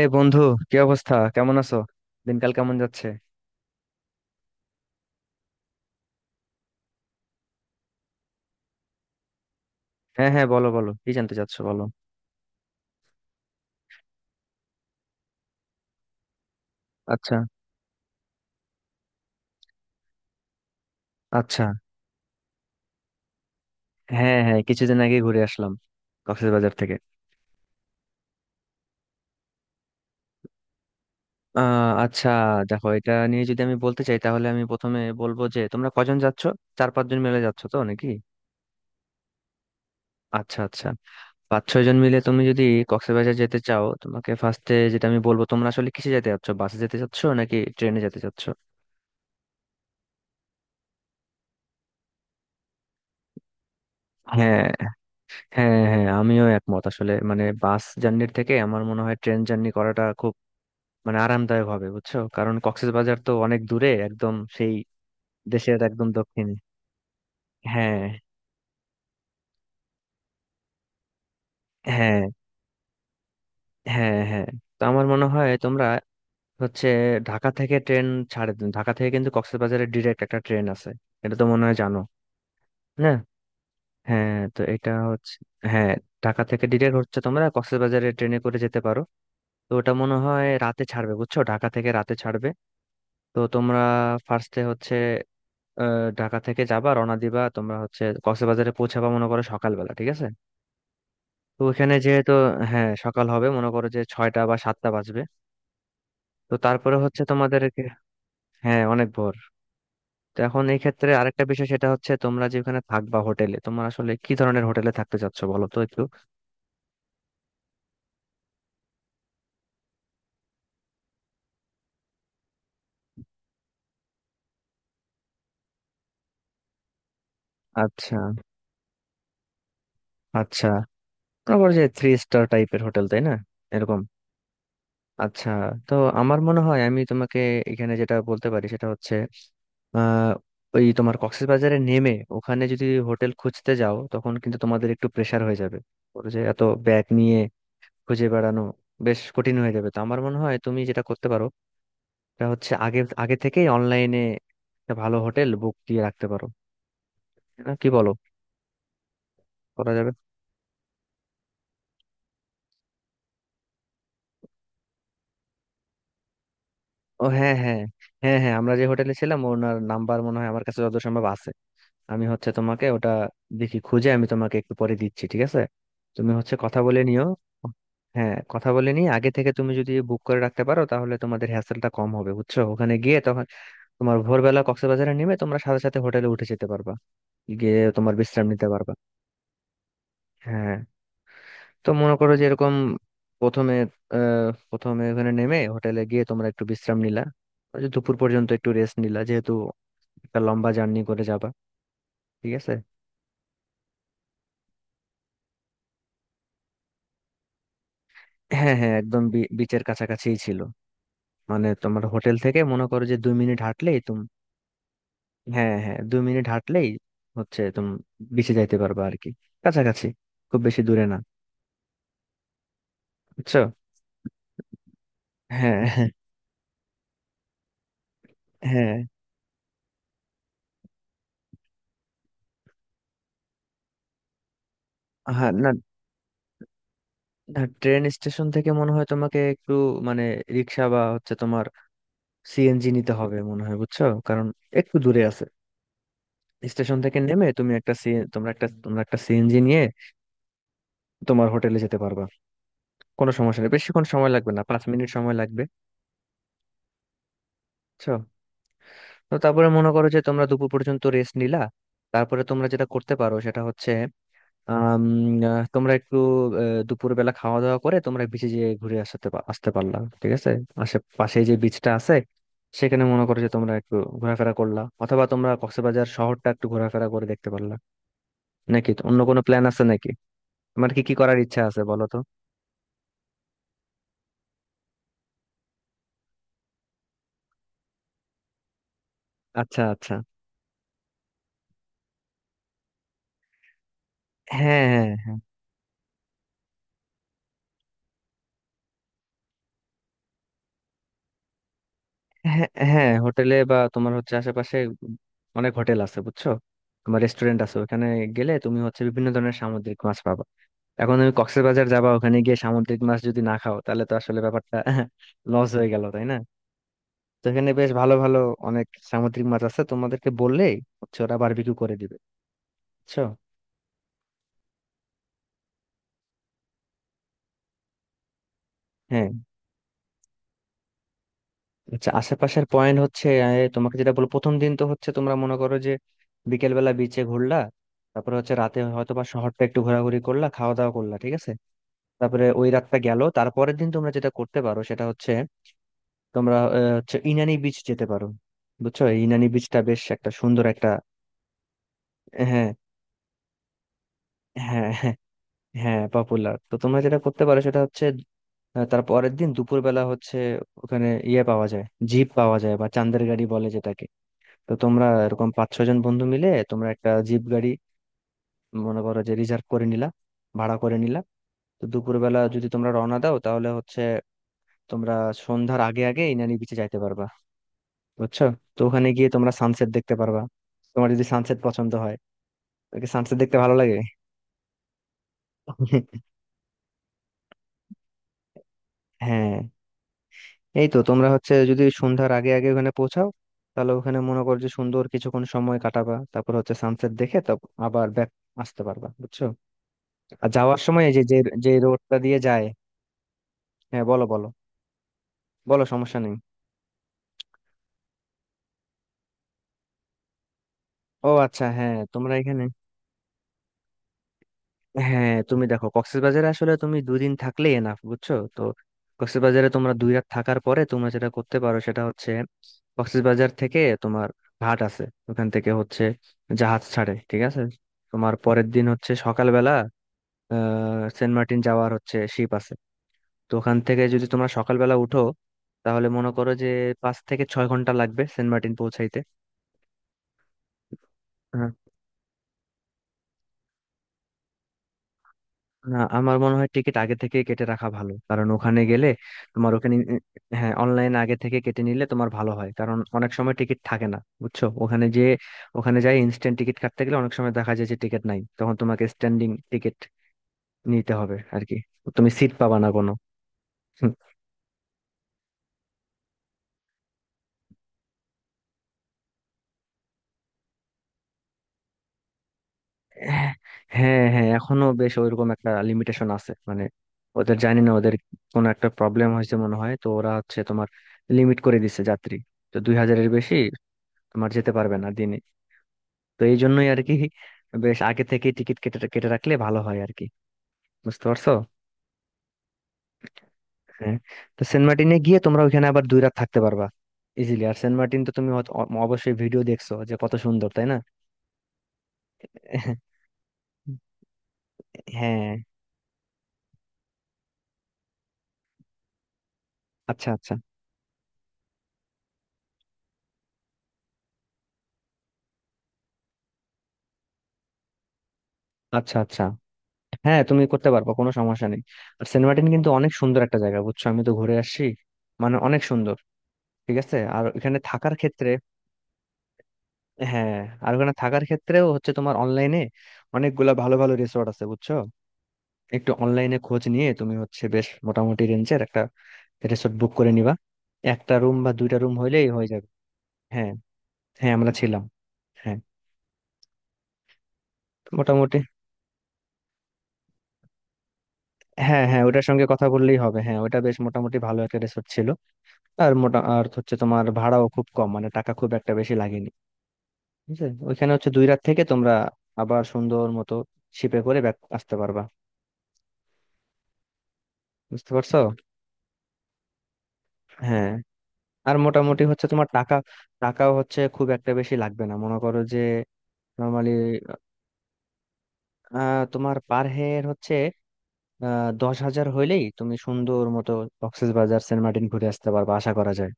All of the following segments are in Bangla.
এই বন্ধু, কি অবস্থা? কেমন আছো? দিনকাল কেমন যাচ্ছে? হ্যাঁ হ্যাঁ, বলো বলো, কি জানতে চাচ্ছো বলো। আচ্ছা আচ্ছা। হ্যাঁ হ্যাঁ, কিছুদিন আগে ঘুরে আসলাম কক্সবাজার থেকে। আচ্ছা। দেখো, এটা নিয়ে যদি আমি বলতে চাই তাহলে আমি প্রথমে বলবো যে তোমরা কজন যাচ্ছো? চার পাঁচজন মিলে যাচ্ছো তো নাকি? আচ্ছা আচ্ছা। পাঁচ ছয় জন মিলে তুমি যদি কক্সবাজার যেতে চাও, তোমাকে ফার্স্টে যেটা আমি বলবো, তোমরা আসলে কিসে যেতে চাচ্ছো? বাসে যেতে চাচ্ছো নাকি ট্রেনে যেতে চাচ্ছো? হ্যাঁ হ্যাঁ হ্যাঁ, আমিও একমত। আসলে মানে বাস জার্নির থেকে আমার মনে হয় ট্রেন জার্নি করাটা খুব মানে আরামদায়ক হবে, বুঝছো? কারণ কক্সবাজার তো অনেক দূরে, একদম সেই দেশের একদম দক্ষিণে। হ্যাঁ। হ্যাঁ হ্যাঁ তো আমার মনে হয় তোমরা হচ্ছে ঢাকা থেকে ট্রেন ছাড়ে, ঢাকা থেকে কিন্তু কক্সবাজারে ডিরেক্ট একটা ট্রেন আছে, এটা তো মনে হয় জানো। না হ্যাঁ, তো এটা হচ্ছে হ্যাঁ ঢাকা থেকে ডিরেক্ট হচ্ছে তোমরা কক্সবাজারে ট্রেনে করে যেতে পারো। তো ওটা মনে হয় রাতে ছাড়বে, বুঝছো? ঢাকা থেকে রাতে ছাড়বে। তো তোমরা ফার্স্টে হচ্ছে ঢাকা থেকে যাবা, রওনা দিবা, তোমরা হচ্ছে কক্সবাজারে পৌঁছাবা মনে করো সকালবেলা, ঠিক আছে? তো ওখানে যেহেতু হ্যাঁ সকাল হবে, মনে করো যে 6টা বা 7টা বাজবে। তো তারপরে হচ্ছে তোমাদেরকে হ্যাঁ অনেক ভোর। তো এখন এই ক্ষেত্রে আরেকটা বিষয় সেটা হচ্ছে তোমরা যে ওখানে থাকবা হোটেলে, তোমরা আসলে কি ধরনের হোটেলে থাকতে চাচ্ছ বলো তো একটু। আচ্ছা আচ্ছা। তারপর যে থ্রি স্টার টাইপের হোটেল, তাই না? এরকম আচ্ছা। তো আমার মনে হয় আমি তোমাকে এখানে যেটা বলতে পারি সেটা হচ্ছে আহ ওই তোমার কক্সবাজারে নেমে ওখানে যদি হোটেল খুঁজতে যাও তখন কিন্তু তোমাদের একটু প্রেসার হয়ে যাবে, ওর যে এত ব্যাগ নিয়ে খুঁজে বেড়ানো বেশ কঠিন হয়ে যাবে। তো আমার মনে হয় তুমি যেটা করতে পারো সেটা হচ্ছে আগে আগে থেকেই অনলাইনে একটা ভালো হোটেল বুক দিয়ে রাখতে পারো, না কি বলো? করা যাবে। ও হ্যাঁ হ্যাঁ। হ্যাঁ আমরা যে হোটেলে ছিলাম ওনার নাম্বার মনে হয় আমার কাছে যত সম্ভব আছে। আমি হচ্ছে তোমাকে ওটা দেখি খুঁজে, আমি তোমাকে একটু পরে দিচ্ছি, ঠিক আছে? তুমি হচ্ছে কথা বলে নিও। হ্যাঁ, কথা বলে নিয়ে আগে থেকে তুমি যদি বুক করে রাখতে পারো তাহলে তোমাদের হ্যাসেলটা কম হবে, বুঝছো? ওখানে গিয়ে তখন তোমার ভোরবেলা কক্সবাজারে নেমে তোমরা সাথে সাথে হোটেলে উঠে যেতে পারবা, গিয়ে তোমার বিশ্রাম নিতে পারবা। হ্যাঁ। তো মনে করো যে এরকম প্রথমে প্রথমে ওখানে নেমে হোটেলে গিয়ে তোমরা একটু বিশ্রাম নিলা, ওই যে দুপুর পর্যন্ত একটু রেস্ট নিলা, যেহেতু একটা লম্বা জার্নি করে যাবা, ঠিক আছে? হ্যাঁ হ্যাঁ, একদম বিচের কাছাকাছিই ছিল। মানে তোমার হোটেল থেকে মনে করো যে 2 মিনিট হাঁটলেই তুমি হ্যাঁ হ্যাঁ 2 মিনিট হাঁটলেই হচ্ছে তুমি বিচে যাইতে পারবে আর কি, কাছাকাছি, খুব বেশি দূরে না, বুঝছো? হ্যাঁ হ্যাঁ হ্যাঁ হ্যাঁ, না। না, ট্রেন স্টেশন থেকে মনে হয় তোমাকে একটু মানে রিক্সা বা হচ্ছে তোমার সিএনজি নিতে হবে মনে হয়, বুঝছো? কারণ একটু দূরে আছে। স্টেশন থেকে নেমে তুমি একটা তোমরা একটা সিএনজি নিয়ে তোমার হোটেলে যেতে পারবা, কোনো সমস্যা নেই, বেশিক্ষণ সময় লাগবে না, 5 মিনিট সময় লাগবে, বুঝছো? তো তারপরে মনে করো যে তোমরা দুপুর পর্যন্ত রেস্ট নিলা, তারপরে তোমরা যেটা করতে পারো সেটা হচ্ছে আম, তোমরা একটু দুপুর বেলা খাওয়া দাওয়া করে তোমরা বিচে যেয়ে ঘুরে আসতে পারলা, ঠিক আছে? আশেপাশে যে বিচটা আছে সেখানে মনে করো যে তোমরা একটু ঘোরাফেরা করলা, অথবা তোমরা কক্সবাজার শহরটা একটু ঘোরাফেরা করে দেখতে পারলা। নাকি তো অন্য কোনো প্ল্যান আছে নাকি? তোমার কি কি করার ইচ্ছা আছে বলো তো। আচ্ছা আচ্ছা। হ্যাঁ হ্যাঁ। হ্যাঁ হোটেলে বা তোমার হচ্ছে আশেপাশে অনেক হোটেল আছে বুঝছো, তোমার রেস্টুরেন্ট আছে, ওখানে গেলে তুমি হচ্ছে বিভিন্ন ধরনের সামুদ্রিক মাছ পাবা। এখন তুমি কক্সবাজার যাবা ওখানে গিয়ে সামুদ্রিক মাছ যদি না খাও তাহলে তো আসলে ব্যাপারটা লস হয়ে গেল তাই না? তো এখানে বেশ ভালো ভালো অনেক সামুদ্রিক মাছ আছে, তোমাদেরকে বললেই হচ্ছে ওরা বারবিকিউ করে দিবে, বুঝছো? হ্যাঁ আচ্ছা, আশেপাশের পয়েন্ট হচ্ছে তোমাকে যেটা বলবো, প্রথম দিন তো হচ্ছে তোমরা মনে করো যে বিকেল বেলা বিচে ঘুরলা, তারপরে হচ্ছে রাতে হয়তো বা শহরটা একটু ঘোরাঘুরি করলা, খাওয়া দাওয়া করলা, ঠিক আছে? তারপরে ওই রাতটা গেল, তারপরের দিন তোমরা যেটা করতে পারো সেটা হচ্ছে তোমরা হচ্ছে ইনানি বিচ যেতে পারো, বুঝছো? এই ইনানি বিচটা বেশ একটা সুন্দর একটা হ্যাঁ। হ্যাঁ হ্যাঁ হ্যাঁ পপুলার, তো তোমরা যেটা করতে পারো সেটা হচ্ছে তার পরের দিন দুপুরবেলা হচ্ছে ওখানে ইয়ে পাওয়া যায়, জিপ পাওয়া যায় বা চান্দের গাড়ি বলে যেটাকে। তো তোমরা এরকম পাঁচ ছজন বন্ধু মিলে তোমরা একটা জিপ গাড়ি মনে করো যে রিজার্ভ করে নিলা, ভাড়া করে নিলা। তো দুপুরবেলা যদি তোমরা রওনা দাও তাহলে হচ্ছে তোমরা সন্ধ্যার আগে আগে ইনানি বিচে যাইতে পারবা, বুঝছো? তো ওখানে গিয়ে তোমরা সানসেট দেখতে পারবা, তোমার যদি সানসেট পছন্দ হয়, তোকে সানসেট দেখতে ভালো লাগে। হ্যাঁ, এই তো তোমরা হচ্ছে যদি সন্ধ্যার আগে আগে ওখানে পৌঁছাও তাহলে ওখানে মনে করো যে সুন্দর কিছুক্ষণ সময় কাটাবা, তারপর হচ্ছে সানসেট দেখে তো আবার ব্যাক আসতে পারবা, বুঝছো? আর যাওয়ার সময় এই যে যে যে রোডটা দিয়ে যায়। হ্যাঁ বলো বলো, বলো সমস্যা নেই। ও আচ্ছা, হ্যাঁ তোমরা এখানে হ্যাঁ। তুমি দেখো কক্সবাজারে আসলে তুমি দুদিন থাকলে এনাফ, বুঝছো তো? কক্সবাজারে তোমরা 2 রাত থাকার পরে তোমরা যেটা করতে পারো সেটা হচ্ছে কক্সবাজার থেকে তোমার ঘাট আছে, ওখান থেকে হচ্ছে জাহাজ ছাড়ে, ঠিক আছে? তোমার পরের দিন হচ্ছে সকালবেলা সেন্ট মার্টিন যাওয়ার হচ্ছে শিপ আছে। তো ওখান থেকে যদি তোমরা সকালবেলা উঠো তাহলে মনে করো যে 5 থেকে 6 ঘন্টা লাগবে সেন্ট মার্টিন পৌঁছাইতে। হ্যাঁ? না, আমার মনে হয় টিকিট আগে থেকে কেটে রাখা ভালো, কারণ ওখানে গেলে তোমার ওখানে হ্যাঁ অনলাইন আগে থেকে কেটে নিলে তোমার ভালো হয়, কারণ অনেক সময় টিকিট থাকে না, বুঝছো? ওখানে যে ওখানে যাই ইনস্ট্যান্ট টিকিট কাটতে গেলে অনেক সময় দেখা যায় যে টিকিট নাই, তখন তোমাকে স্ট্যান্ডিং টিকিট নিতে হবে আর কি, তুমি সিট পাবা না কোনো। হুম। হ্যাঁ হ্যাঁ, এখনো বেশ ওইরকম একটা লিমিটেশন আছে, মানে ওদের জানি না ওদের কোনো একটা প্রবলেম হয়েছে মনে হয়, তো ওরা হচ্ছে তোমার লিমিট করে দিছে যাত্রী, তো 2 হাজারের বেশি তোমার যেতে পারবে না দিনে। তো এই জন্যই আর কি বেশ আগে থেকে টিকিট কেটে কেটে রাখলে ভালো হয় আর কি, বুঝতে পারছো? হ্যাঁ। তো সেন্ট মার্টিনে গিয়ে তোমরা ওইখানে আবার 2 রাত থাকতে পারবা ইজিলি। আর সেন্ট মার্টিন তো তুমি অবশ্যই ভিডিও দেখছো যে কত সুন্দর, তাই না? হ্যাঁ আচ্ছা আচ্ছা। আচ্ছা আচ্ছা, হ্যাঁ তুমি করতে পারবা, কোনো সমস্যা নেই। আর সেন্ট মার্টিন কিন্তু অনেক সুন্দর একটা জায়গা, বুঝছো? আমি তো ঘুরে আসছি, মানে অনেক সুন্দর। ঠিক আছে, আর ওখানে থাকার ক্ষেত্রে হ্যাঁ আর ওখানে থাকার ক্ষেত্রেও হচ্ছে তোমার অনলাইনে অনেকগুলা ভালো ভালো রিসোর্ট আছে, বুঝছো? একটু অনলাইনে খোঁজ নিয়ে তুমি হচ্ছে বেশ মোটামুটি রেঞ্জের একটা রিসোর্ট বুক করে নিবা, একটা রুম বা দুইটা রুম হইলেই হয়ে যাবে। হ্যাঁ হ্যাঁ আমরা ছিলাম, হ্যাঁ মোটামুটি। হ্যাঁ হ্যাঁ, ওটার সঙ্গে কথা বললেই হবে, হ্যাঁ ওটা বেশ মোটামুটি ভালো একটা রিসোর্ট ছিল। আর হচ্ছে তোমার ভাড়াও খুব কম, মানে টাকা খুব একটা বেশি লাগেনি, বুঝলে? ওইখানে হচ্ছে 2 রাত থেকে তোমরা আবার সুন্দর মতো শিপে করে ব্যাক আসতে পারবা, বুঝতে পারছো? হ্যাঁ। আর মোটামুটি হচ্ছে তোমার টাকাও হচ্ছে খুব একটা বেশি লাগবে না, মনে করো যে নর্মালি তোমার পার হেড হচ্ছে 10 হাজার হইলেই তুমি সুন্দর মতো কক্সবাজার সেন্ট মার্টিন ঘুরে আসতে পারবে আশা করা যায়।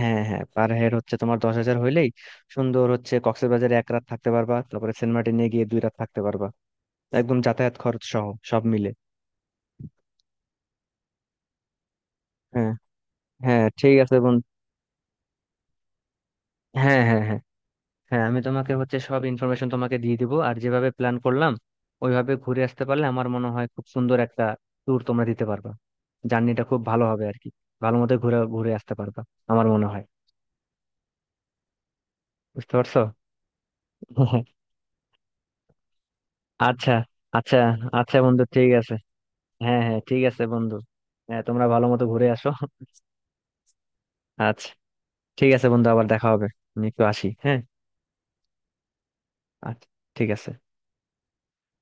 হ্যাঁ হ্যাঁ পার হেড হচ্ছে তোমার 10 হাজার হইলেই সুন্দর হচ্ছে কক্সবাজারে 1 রাত থাকতে পারবা, তারপরে সেন্ট মার্টিনে গিয়ে 2 রাত থাকতে পারবা একদম যাতায়াত খরচ সহ সব মিলে। হ্যাঁ হ্যাঁ ঠিক আছে বন্ধু। হ্যাঁ হ্যাঁ আমি তোমাকে হচ্ছে সব ইনফরমেশন তোমাকে দিয়ে দিব, আর যেভাবে প্ল্যান করলাম ওইভাবে ঘুরে আসতে পারলে আমার মনে হয় খুব সুন্দর একটা ট্যুর তোমরা দিতে পারবা, জার্নিটা খুব ভালো হবে আর কি, ভালো মতো ঘুরে ঘুরে আসতে পারবা আমার মনে হয়, বুঝতে পারছো? আচ্ছা আচ্ছা। আচ্ছা বন্ধু ঠিক আছে, হ্যাঁ হ্যাঁ ঠিক আছে বন্ধু। হ্যাঁ তোমরা ভালো মতো ঘুরে আসো। আচ্ছা, ঠিক আছে বন্ধু, আবার দেখা হবে। আমি একটু আসি, হ্যাঁ আচ্ছা, ঠিক আছে।